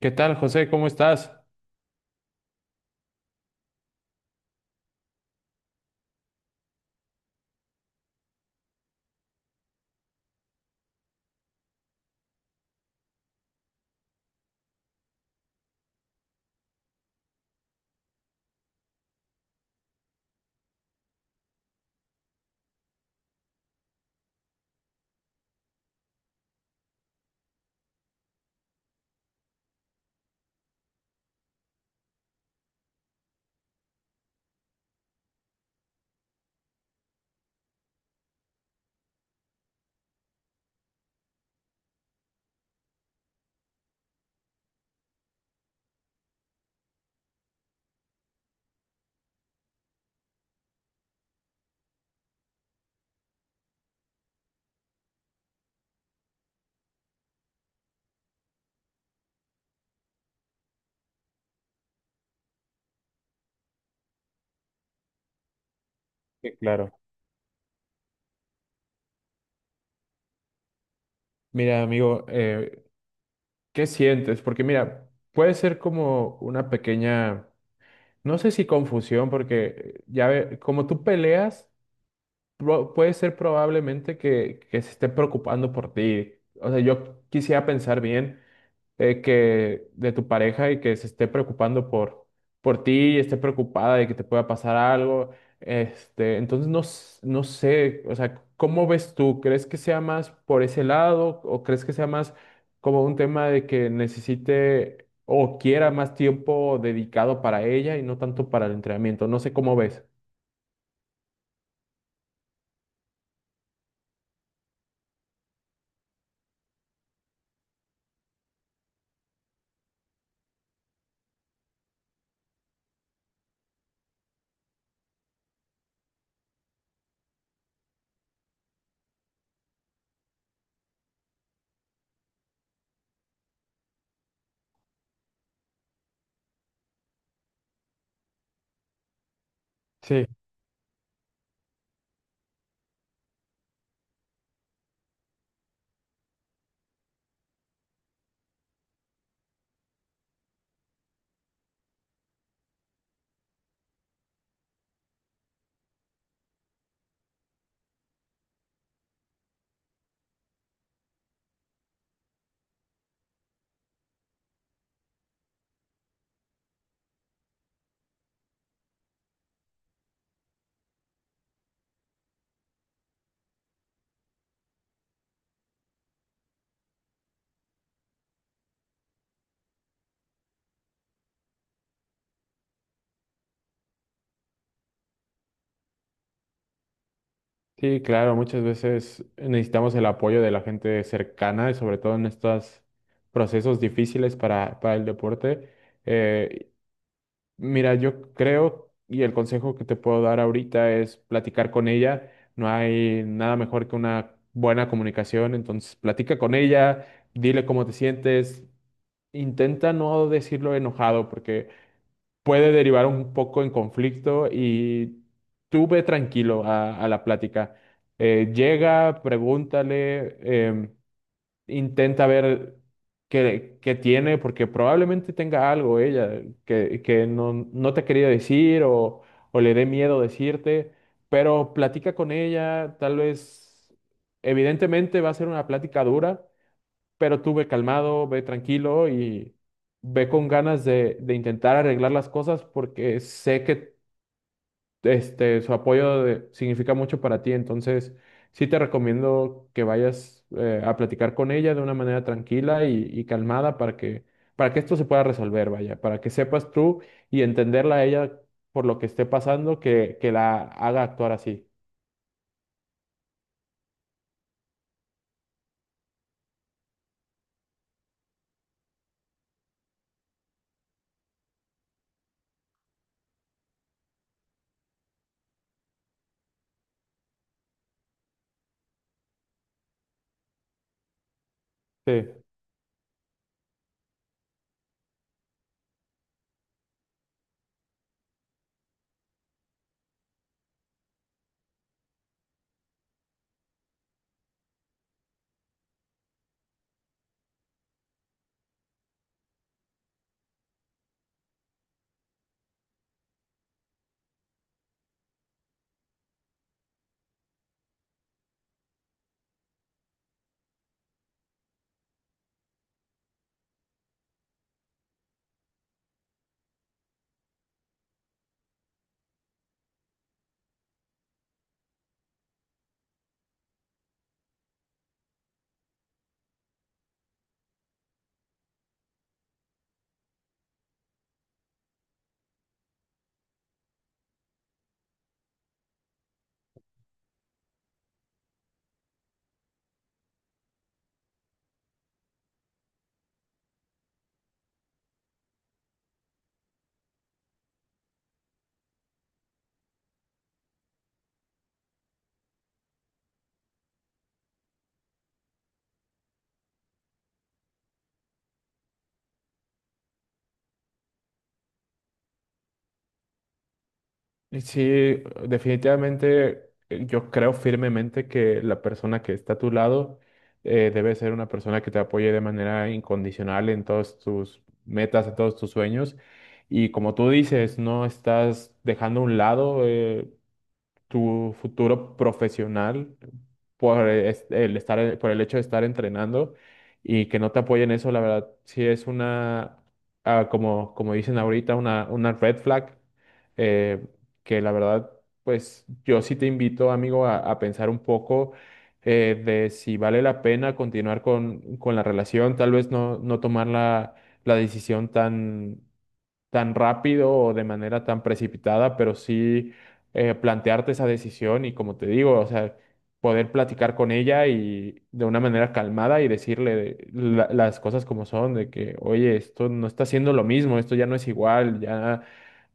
¿Qué tal, José? ¿Cómo estás? Sí, claro. Mira, amigo, ¿qué sientes? Porque mira, puede ser como una pequeña, no sé si confusión, porque como tú peleas, puede ser probablemente que se esté preocupando por ti. O sea, yo quisiera pensar bien, que de tu pareja y que se esté preocupando por ti y esté preocupada de que te pueda pasar algo. Este, entonces no, no sé, o sea, ¿cómo ves tú? ¿Crees que sea más por ese lado o crees que sea más como un tema de que necesite o quiera más tiempo dedicado para ella y no tanto para el entrenamiento? No sé cómo ves. Sí. Sí, claro, muchas veces necesitamos el apoyo de la gente cercana y sobre todo en estos procesos difíciles para el deporte. Eh, mira, yo creo y el consejo que te puedo dar ahorita es platicar con ella. No hay nada mejor que una buena comunicación, entonces platica con ella, dile cómo te sientes, intenta no decirlo enojado porque puede derivar un poco en conflicto y tú ve tranquilo a la plática. Llega, pregúntale, em, intenta ver qué tiene, porque probablemente tenga algo ella que no, no te ha querido decir o le dé miedo decirte, pero platica con ella, tal vez, evidentemente va a ser una plática dura, pero tú ve calmado, ve tranquilo y ve con ganas de intentar arreglar las cosas porque sé que este, significa mucho para ti. Entonces, sí te recomiendo que vayas a platicar con ella de una manera tranquila y calmada para para que esto se pueda resolver, vaya, para que sepas tú y entenderla a ella por lo que esté pasando, que la haga actuar así. Sí. Sí, definitivamente yo creo firmemente que la persona que está a tu lado, debe ser una persona que te apoye de manera incondicional en todas tus metas, en todos tus sueños. Y como tú dices, no estás dejando a un lado tu futuro profesional por el estar, por el hecho de estar entrenando y que no te apoyen eso, la verdad, sí es una, ah, como, como dicen ahorita, una red flag. eh, que la verdad, pues yo sí te invito, amigo, a pensar un poco de si vale la pena continuar con la relación, tal vez no, no tomar la decisión tan tan rápido o de manera tan precipitada, pero sí plantearte esa decisión y como te digo, o sea, poder platicar con ella y de una manera calmada y decirle las cosas como son, de que, oye, esto no está siendo lo mismo, esto ya no es igual, ya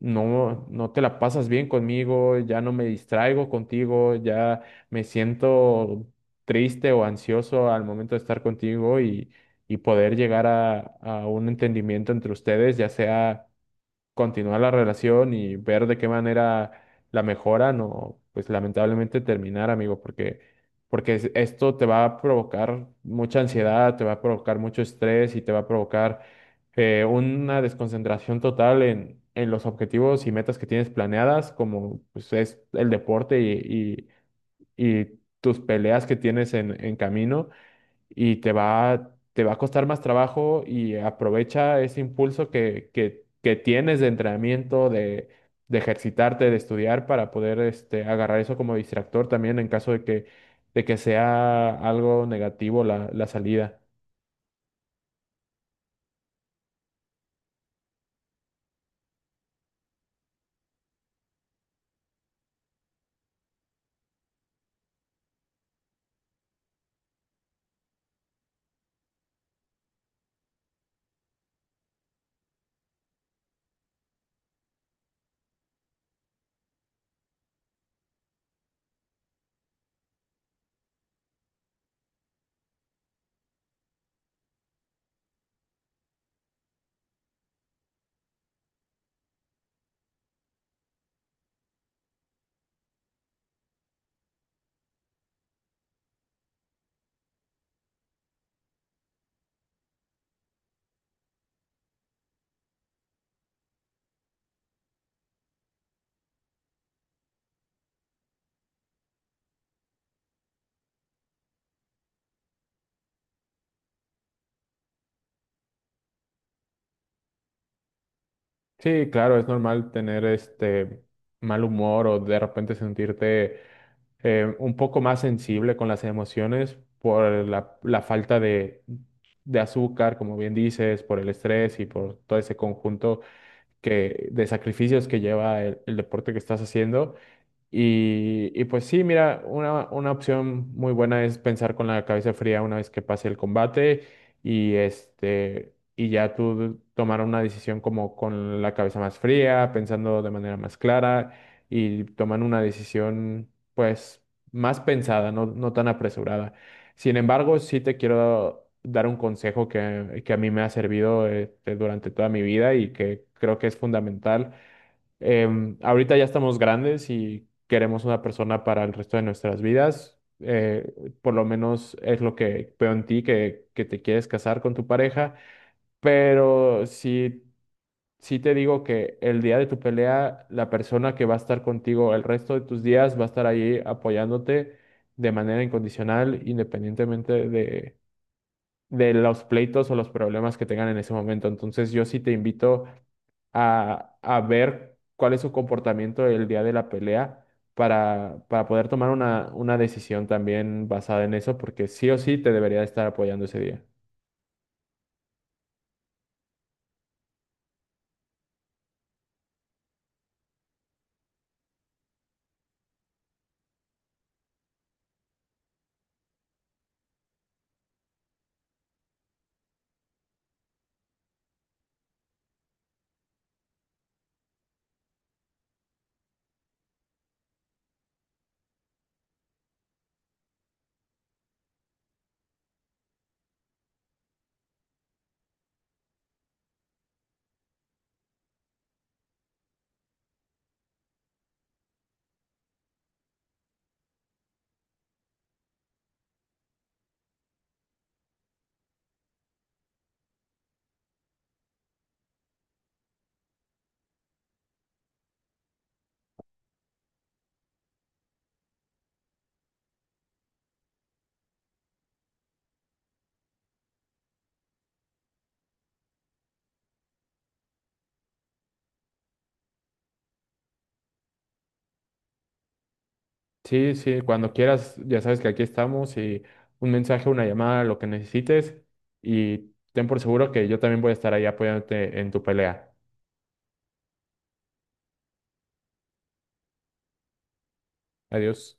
no, no te la pasas bien conmigo, ya no me distraigo contigo, ya me siento triste o ansioso al momento de estar contigo y poder llegar a un entendimiento entre ustedes, ya sea continuar la relación y ver de qué manera la mejoran o pues lamentablemente terminar, amigo, porque esto te va a provocar mucha ansiedad, te va a provocar mucho estrés y te va a provocar una desconcentración total en los objetivos y metas que tienes planeadas, como pues es el deporte y tus peleas que tienes en camino y te va a costar más trabajo y aprovecha ese impulso que tienes de entrenamiento, de ejercitarte, de estudiar para poder este, agarrar eso como distractor también en caso de que sea algo negativo la salida. Sí, claro, es normal tener este mal humor o de repente sentirte un poco más sensible con las emociones por la falta de azúcar, como bien dices, por el estrés y por todo ese conjunto de sacrificios que lleva el deporte que estás haciendo. Y pues sí, mira, una opción muy buena es pensar con la cabeza fría una vez que pase el combate y este y ya tú tomar una decisión como con la cabeza más fría, pensando de manera más clara y tomar una decisión pues más pensada, no, no tan apresurada. Sin embargo, sí te quiero dar un consejo que a mí me ha servido este, durante toda mi vida y que creo que es fundamental. Em, ahorita ya estamos grandes y queremos una persona para el resto de nuestras vidas. Por lo menos es lo que veo en ti, que te quieres casar con tu pareja. Pero sí, sí te digo que el día de tu pelea, la persona que va a estar contigo el resto de tus días va a estar ahí apoyándote de manera incondicional, independientemente de los pleitos o los problemas que tengan en ese momento. Entonces yo sí te invito a ver cuál es su comportamiento el día de la pelea para poder tomar una decisión también basada en eso, porque sí o sí te debería estar apoyando ese día. Sí, sí, cuando quieras, ya sabes que aquí estamos y un mensaje, una llamada, lo que necesites y ten por seguro que yo también voy a estar ahí apoyándote en tu pelea. Adiós.